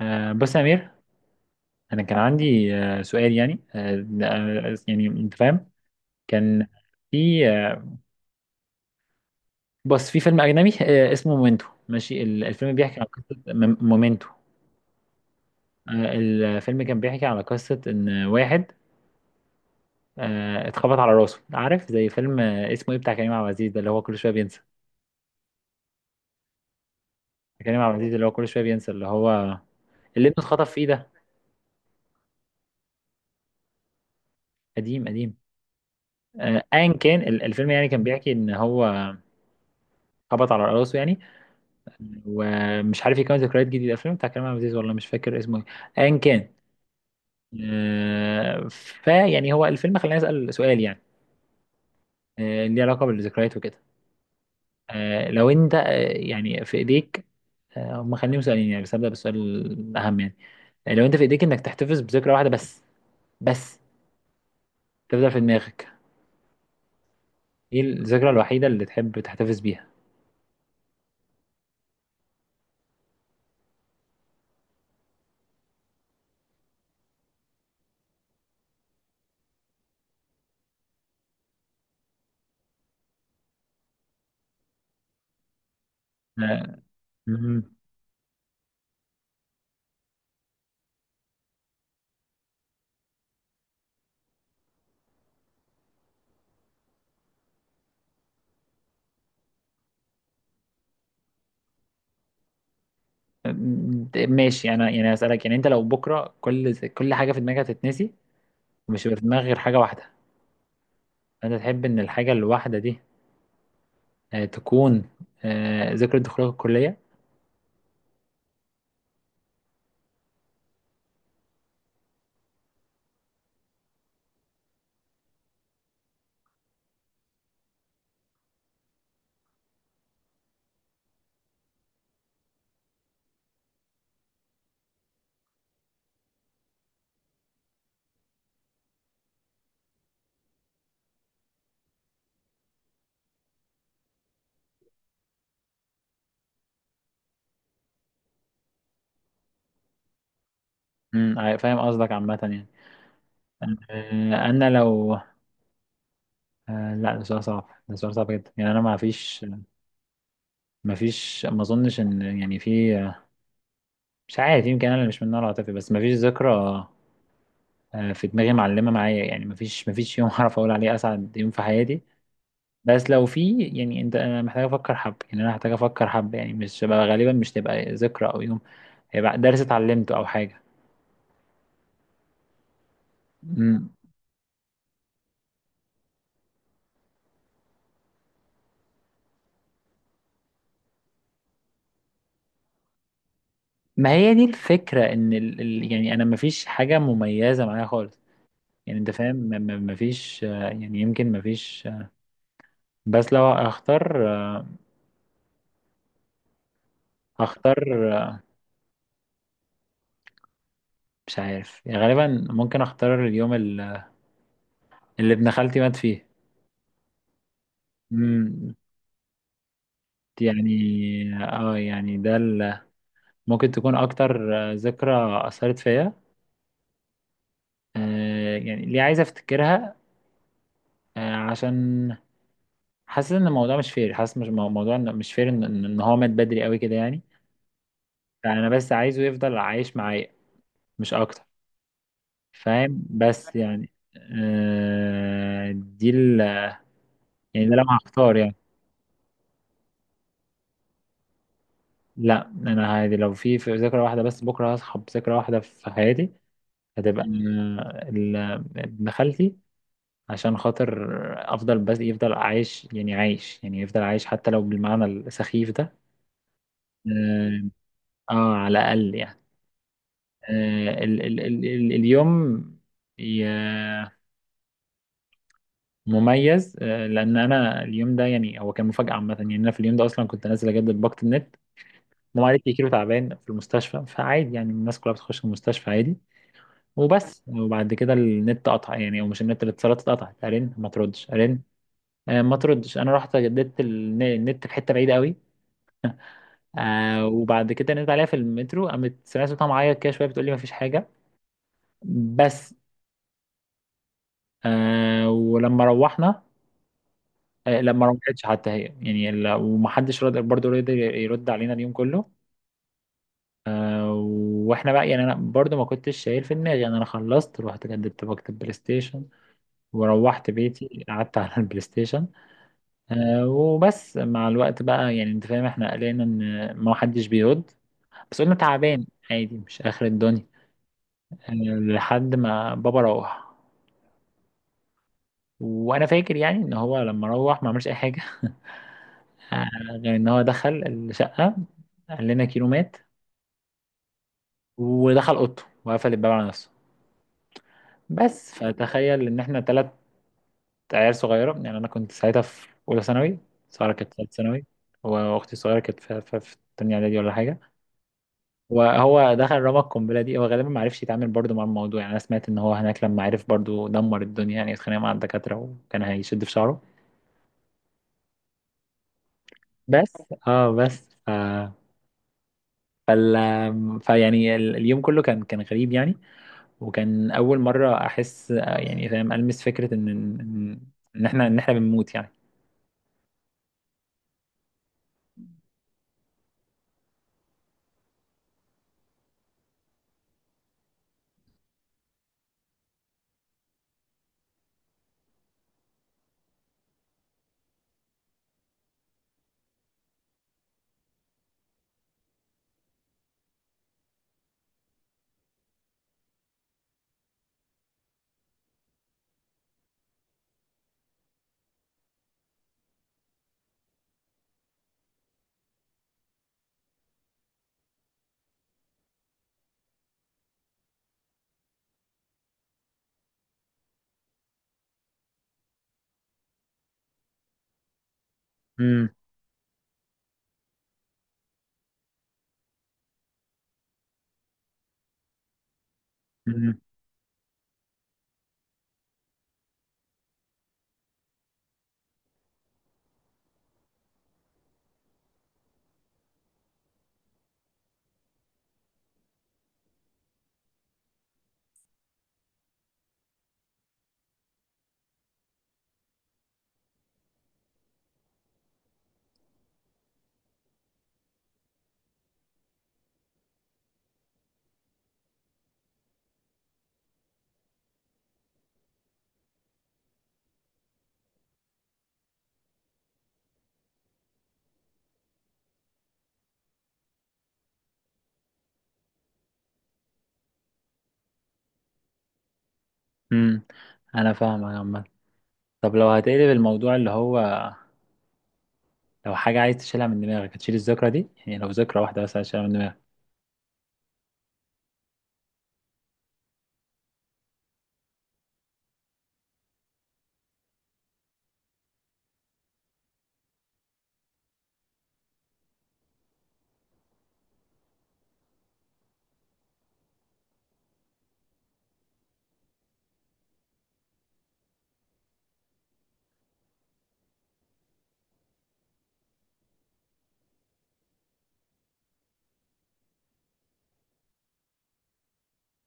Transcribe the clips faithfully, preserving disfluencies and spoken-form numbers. آه، بس يا أمير، أنا كان عندي آه، سؤال، يعني آه، آه، يعني أنت فاهم. كان في آه، بس في فيلم أجنبي آه، اسمه مومنتو. ماشي، ال- الفيلم بيحكي عن قصة م- مومنتو. آه، الفيلم كان بيحكي على قصة إن واحد آه، اتخبط على راسه. عارف زي فيلم آه، اسمه إيه، بتاع كريم عبد العزيز ده، اللي هو كل شوية بينسى. كريم عبد العزيز، اللي هو كل شوية بينسى، اللي هو اللي ابنه اتخطف في إيه ده، قديم قديم. آه، أيا كان، ال- الفيلم يعني كان بيحكي إن هو خبط على راسه، يعني ومش عارف يكون ذكريات جديدة. الفيلم بتاع كريم عبد العزيز، والله مش فاكر اسمه ايه. ايا كان. آه، فيعني هو الفيلم خلاني اسأل سؤال، يعني آه، ليه علاقة بالذكريات وكده. آه، لو انت آه، يعني في ايديك. آه، هم خليهم سؤالين يعني، بس هبدأ بالسؤال الأهم يعني. آه، لو انت في ايديك انك تحتفظ بذكرى واحدة بس بس تفضل في دماغك، ايه الذكرى الوحيدة اللي تحب تحتفظ بيها؟ آه، مهم. ماشي. انا يعني اسألك، يعني انت لو بكرة كل كل حاجة في دماغك هتتنسي ومش هيبقى في دماغك غير حاجة واحدة، أنت تحب إن الحاجة الواحدة دي آه، تكون آه، ذكرى دخولك الكلية؟ أمم، آه، فاهم قصدك عامة يعني. آه، أنا لو آه، لا، ده سؤال صعب، ده سؤال صعب جدا يعني. أنا ما فيش ما فيش ما أظنش إن يعني في آه، مش عارف. يمكن أنا اللي مش من النوع العاطفي، بس ما فيش ذكرى آه، في دماغي معلمة معايا، يعني ما فيش ما فيش يوم أعرف أقول عليه أسعد يوم في حياتي. بس لو في، يعني أنت أنا محتاج أفكر حب يعني أنا محتاج أفكر، حب يعني، مش غالبا. مش تبقى ذكرى أو يوم، هيبقى درس اتعلمته أو حاجة. مم. ما هي دي الفكرة، ان ال... ال... يعني انا مفيش حاجة مميزة معايا خالص. يعني انت فاهم، م- م- مفيش آه، يعني يمكن مفيش آه، بس لو اختار اختار مش عارف. يعني غالبا ممكن اختار اليوم ال- اللي ابن خالتي مات فيه. مم، يعني اه يعني ده ال- ممكن تكون اكتر آه، ذكرى اثرت فيا. آه، يعني ليه عايز افتكرها؟ آه، عشان حاسس ان الموضوع مش فير، حاسس مش مو- موضوع، إن- مش فير ان إن- إن هو مات بدري قوي كده يعني. فانا بس عايزه يفضل عايش معايا، مش اكتر. فاهم؟ بس يعني آه دي ال... يعني ده لو هختار يعني. لا انا عادي، لو في في ذكرى واحده بس بكره هصحى بذكرى واحده في حياتي، هتبقى آه، ال- ابن خالتي. عشان خاطر افضل، بس يفضل عايش، يعني عايش، يعني يفضل عايش حتى لو بالمعنى السخيف ده. اه, آه على الاقل يعني آه ال ال ال ال اليوم مميز. آه، لان انا اليوم ده، يعني هو كان مفاجاه عامه. يعني انا في اليوم ده اصلا كنت نازل اجدد باقه النت. ماما قالت لي كيلو تعبان في المستشفى، فعادي يعني، الناس كلها بتخش المستشفى عادي. وبس، وبعد كده النت قطع، يعني او مش النت، الاتصالات اتقطعت. ارن ما تردش، ارن. آه، ما تردش. انا رحت جددت الن- النت في حته بعيده قوي. آه وبعد كده نزلت عليها في المترو، قامت سمعت صوتها معايا كده شويه بتقول لي ما فيش حاجه. بس. آه ولما روحنا آه، لا، ما رجعتش حتى هي يعني ال- ومحدش رد برضه، رد يرد علينا اليوم كله. آه، واحنا بقى، يعني انا برضه ما كنتش شايل في دماغي، يعني انا خلصت رحت جددت باجة البلاي ستيشن وروحت بيتي، قعدت على البلاي ستيشن. آه، وبس مع الوقت بقى يعني، انت فاهم، احنا قلقنا ان ما حدش بيرد، بس قلنا تعبان، عادي مش اخر الدنيا. آه، لحد ما بابا روح. وانا فاكر يعني ان هو لما روح ما عملش اي حاجه آه، غير ان هو دخل الشقه، قال لنا كيلو مات، ودخل اوضته وقفل الباب على نفسه. بس فتخيل ان احنا ثلاث عيال صغيره. يعني انا كنت ساعتها في اولى ثانوي، ساره كانت في ثالث ثانوي، واختي الصغيره كانت في في في تانية اعدادي ولا حاجه. وهو دخل رمى القنبله دي، هو غالبا ما عرفش يتعامل برضو مع الموضوع. يعني انا سمعت ان هو هناك لما عرف برضو دمر الدنيا، يعني اتخانق مع الدكاتره وكان هيشد في شعره. بس اه بس ف... فال... فيعني ال- اليوم كله كان كان غريب يعني. وكان اول مره احس، يعني فاهم، المس فكره ان ان إن احنا ان احنا بنموت يعني. امم، امم، أمم. انا فاهم يا عم. طب لو هتقلب الموضوع، اللي هو لو حاجه عايز تشيلها من دماغك، هتشيل الذكرى دي؟ يعني لو ذكرى واحده بس هتشيلها من دماغك.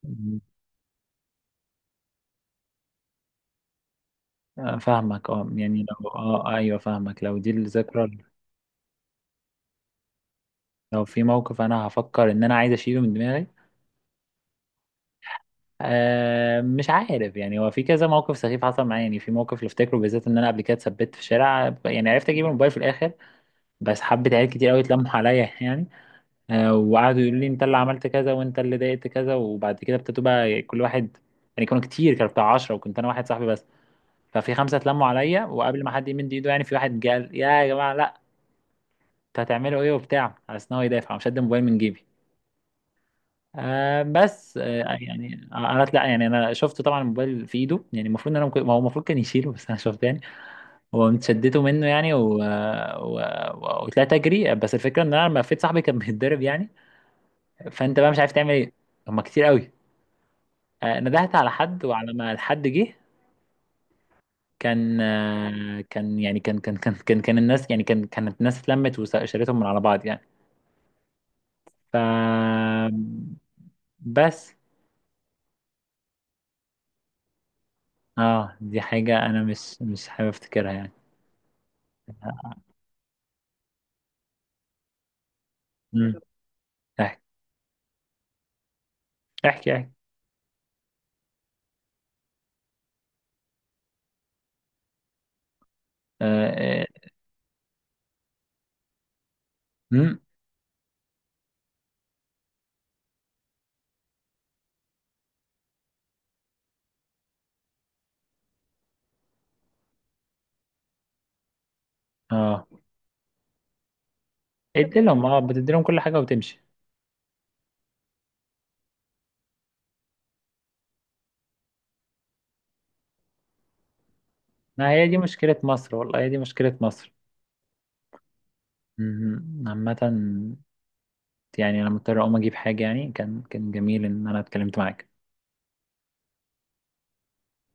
أمم. آه، فاهمك. اه يعني لو اه ايوه فاهمك، لو دي الذكرى. لو في موقف انا هفكر ان انا عايز اشيله من دماغي. آه مش عارف. يعني هو في كذا موقف سخيف حصل معايا، يعني في موقف اللي افتكره بالذات، ان انا قبل كده اتثبت في شارع يعني، عرفت اجيب الموبايل في الاخر، بس حبة عيال كتير قوي اتلموا عليا يعني. آه، وقعدوا يقولوا لي انت اللي عملت كذا وانت اللي ضايقت كذا، وبعد كده ابتدوا بقى كل واحد... يعني كانوا كتير، كانوا بتاع عشرة وكنت انا واحد صاحبي بس. ففي خمسة اتلموا عليا، وقبل ما حد يمد ايده يعني، في واحد قال يا جماعة لا، انتوا هتعملوا ايه وبتاع، على اساس ان هو يدافع. مش هدي الموبايل من جيبي. آه بس آه يعني انا لا، يعني انا شفته طبعا الموبايل في ايده يعني، المفروض ان انا ممكن- ما هو المفروض كان يشيله، بس انا شفته يعني هو شدته منه يعني و... و... و... وطلعت اجري. بس الفكره ان انا لما لفيت صاحبي كان بيتضرب يعني، فانت بقى مش عارف تعمل ايه، هما كتير قوي. آه، ندهت على حد، وعلى ما الحد جه كان آه، كان يعني كان كان كان كان كان الناس، يعني كان كانت الناس اتلمت وشالتهم من على بعض يعني. ف بس. اه دي حاجة انا مش مش حابب افتكرها يعني. امم. احكي، احكي، احكي. اه، امم، اه. ادي لهم اه بتدي لهم كل حاجة وتمشي. ما هي دي مشكلة مصر، والله هي دي مشكلة مصر. مم. عامة، يعني انا مضطر اقوم اجيب حاجة. يعني كان كان جميل ان انا اتكلمت معاك.